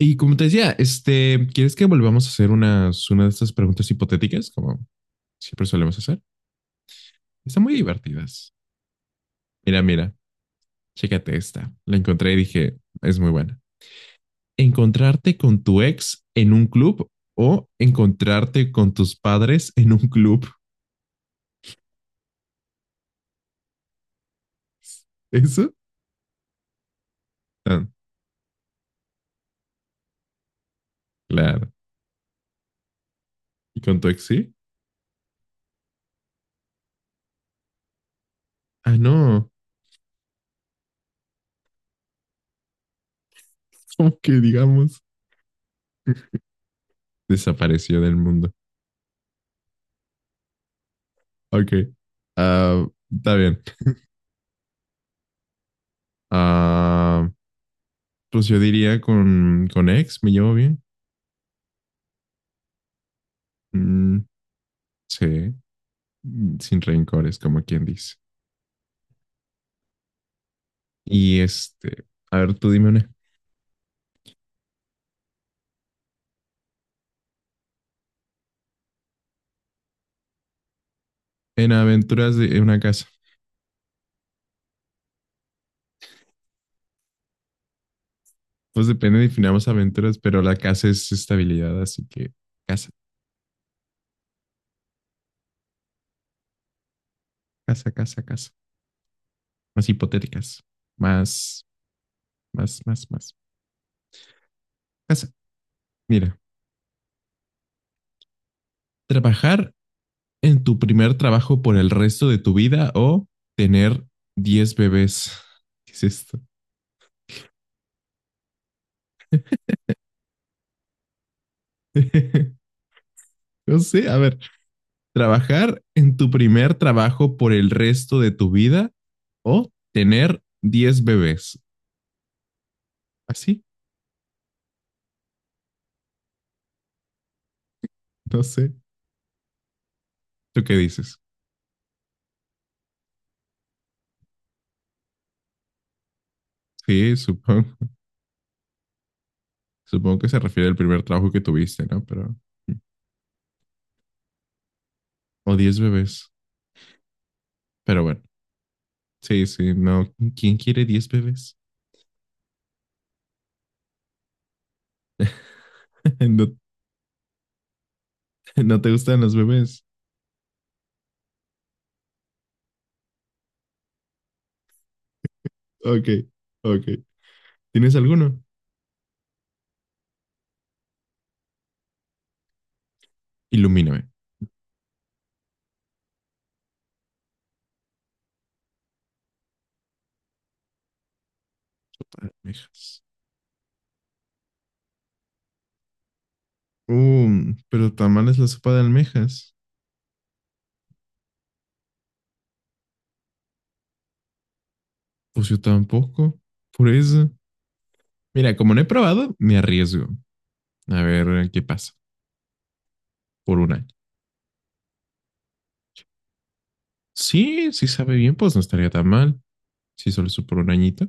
Y como te decía, ¿quieres que volvamos a hacer una de estas preguntas hipotéticas, como siempre solemos hacer? Están muy divertidas. Mira, chécate esta. La encontré y dije, es muy buena. ¿Encontrarte con tu ex en un club o encontrarte con tus padres en un club? ¿Eso? Ah, claro. ¿Y con tu ex sí? Ah, no. Como que digamos, desapareció del mundo. Ok. Ah, está bien. Ah, pues yo diría con ex, me llevo bien. Mm, sí, sin rencores, como quien dice. Y a ver, tú dime una. En aventuras de en una casa. Pues depende, definamos aventuras, pero la casa es estabilidad, así que casa, casa. Más hipotéticas, más, más. Casa. Mira, trabajar en tu primer trabajo por el resto de tu vida o tener 10 bebés. ¿Qué es esto? No sé, a ver, trabajar en tu primer trabajo por el resto de tu vida o tener 10 bebés. Así, no sé. ¿Tú qué dices? Sí, supongo que se refiere al primer trabajo que tuviste, ¿no? Pero, mm, o 10 bebés. Pero bueno, sí, sí, no. ¿Quién quiere diez bebés? ¿No, no te gustan los bebés? Ok, ok. ¿Tienes alguno? Ilumíname. Almejas. Pero tamales la sopa de almejas. Pues yo tampoco. Por eso. Mira, como no he probado, me arriesgo. A ver qué pasa por un año. Sí, sí sabe bien, pues no estaría tan mal. Si solo es por un añito,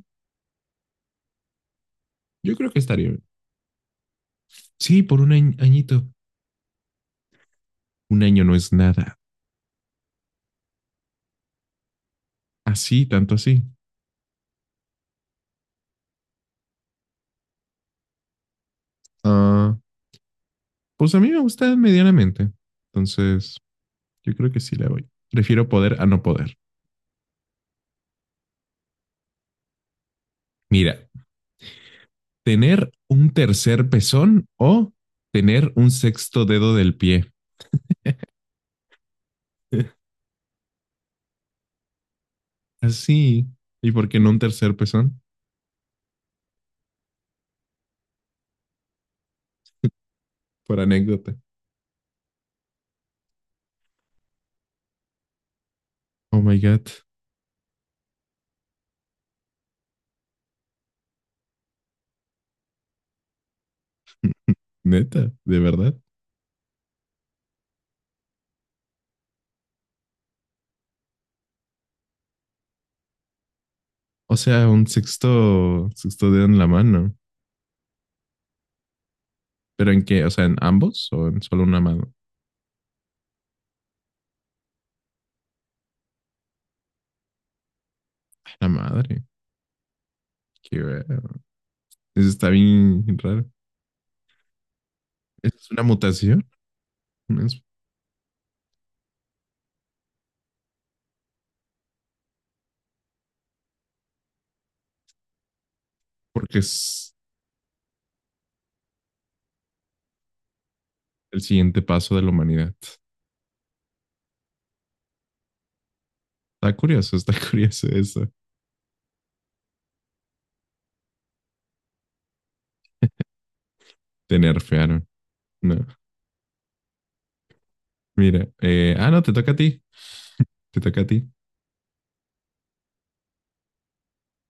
yo creo que estaría bien. Sí, por un añito. Un año no es nada. Así, tanto así. Ah, pues a mí me gusta medianamente. Entonces, yo creo que sí le voy. Prefiero poder a no poder. Mira, tener un tercer pezón o tener un sexto dedo del pie. Así. ¿Y por qué no un tercer pezón? Por anécdota. Oh my God, neta, de verdad. O sea, un sexto dedo en la mano. ¿Pero en qué? O sea, ¿en ambos o en solo una mano? La madre, qué raro. Eso está bien raro. ¿Es una mutación? Es porque es el siguiente paso de la humanidad. Está curioso, está curioso eso. Te nerfearon. No, mira. No, te toca a ti. Te toca a ti.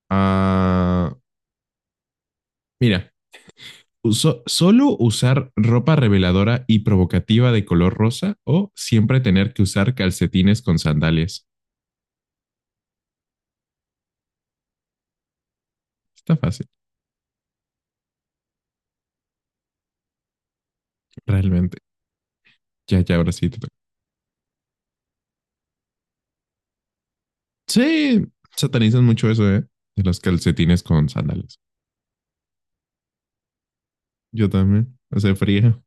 Ah, mira, ¿Solo usar ropa reveladora y provocativa de color rosa o siempre tener que usar calcetines con sandalias? Está fácil, realmente. Ya, ya, ahora sí te toca. Sí, satanizan mucho eso, ¿eh? De los calcetines con sandalias. Yo también. Hace frío.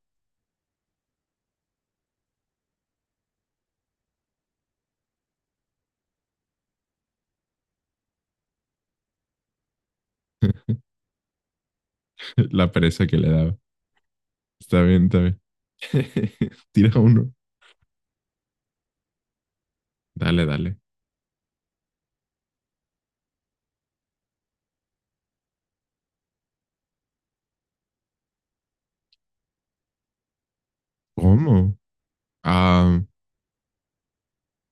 La pereza que le daba. Está bien, está bien. Tira uno. Dale, dale. ¿Cómo? Ah,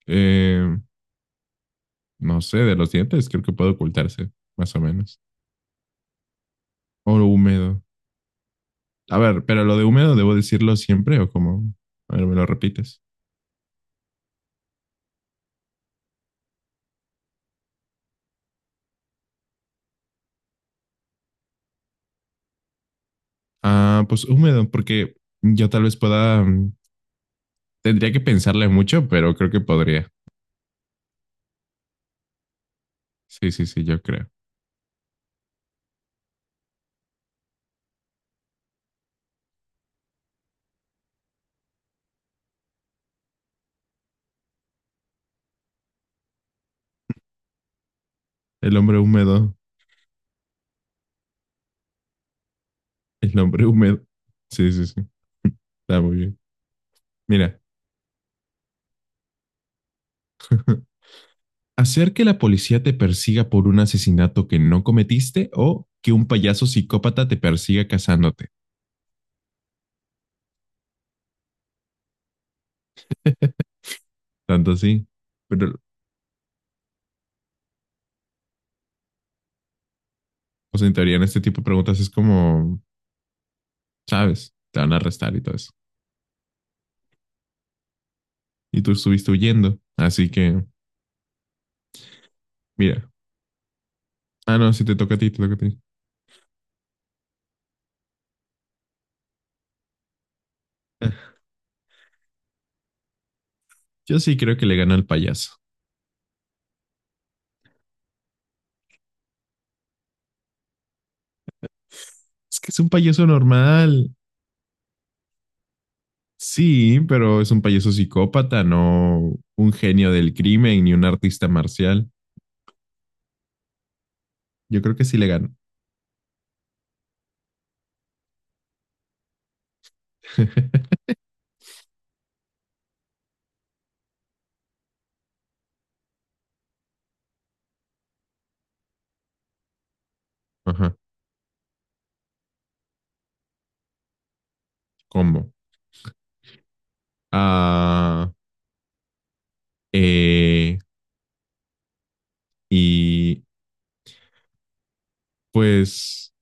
eh, no sé, de los dientes creo que puede ocultarse, más o menos. Oro húmedo. A ver, pero lo de húmedo, ¿debo decirlo siempre o cómo? A ver, me lo repites. Ah, pues húmedo, porque yo tal vez pueda, tendría que pensarle mucho, pero creo que podría. Sí, yo creo. El hombre húmedo, el hombre húmedo. Sí, está muy bien. Mira, hacer que la policía te persiga por un asesinato que no cometiste o que un payaso psicópata te persiga cazándote. Tanto así. Pero, pues en teoría en este tipo de preguntas es como, sabes, te van a arrestar y todo eso. Y tú estuviste huyendo. Así que, mira. Ah, no, sí te toca a ti, te toca a ti. Yo sí creo que le ganó al payaso. Es que es un payaso normal. Sí, pero es un payaso psicópata, no un genio del crimen ni un artista marcial. Yo creo que sí le ganó. Ajá, combo. Ah, eh, y pues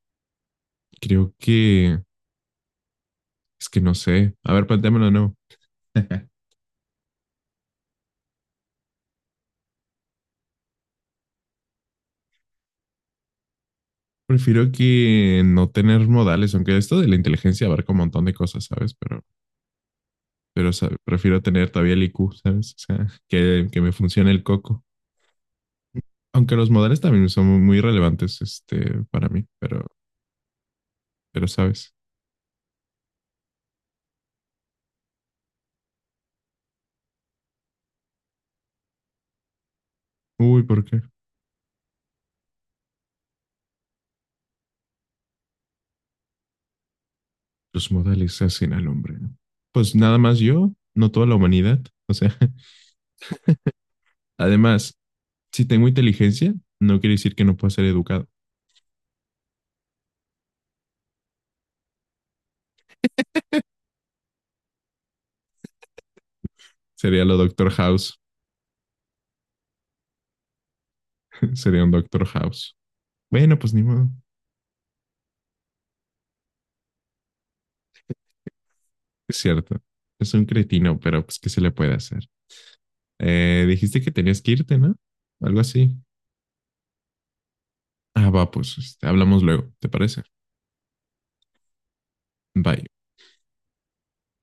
creo que es que no sé. A ver, planteámoslo de nuevo. Prefiero que no tener modales, aunque esto de la inteligencia abarca un montón de cosas, ¿sabes? Pero ¿sabe? Prefiero tener todavía el IQ, ¿sabes? O sea, que me funcione el coco. Aunque los modales también son muy relevantes, para mí, pero, ¿sabes? Uy, ¿por qué? Los modales hacen al hombre. ¿No? Pues nada más yo, no toda la humanidad. O sea, además, si tengo inteligencia, no quiere decir que no pueda ser educado. Sería lo Doctor House, sería un Doctor House. Bueno, pues ni modo. Es cierto. Es un cretino, pero pues, ¿qué se le puede hacer? Dijiste que tenías que irte, ¿no? Algo así. Ah, va, pues, hablamos luego, ¿te parece? Bye.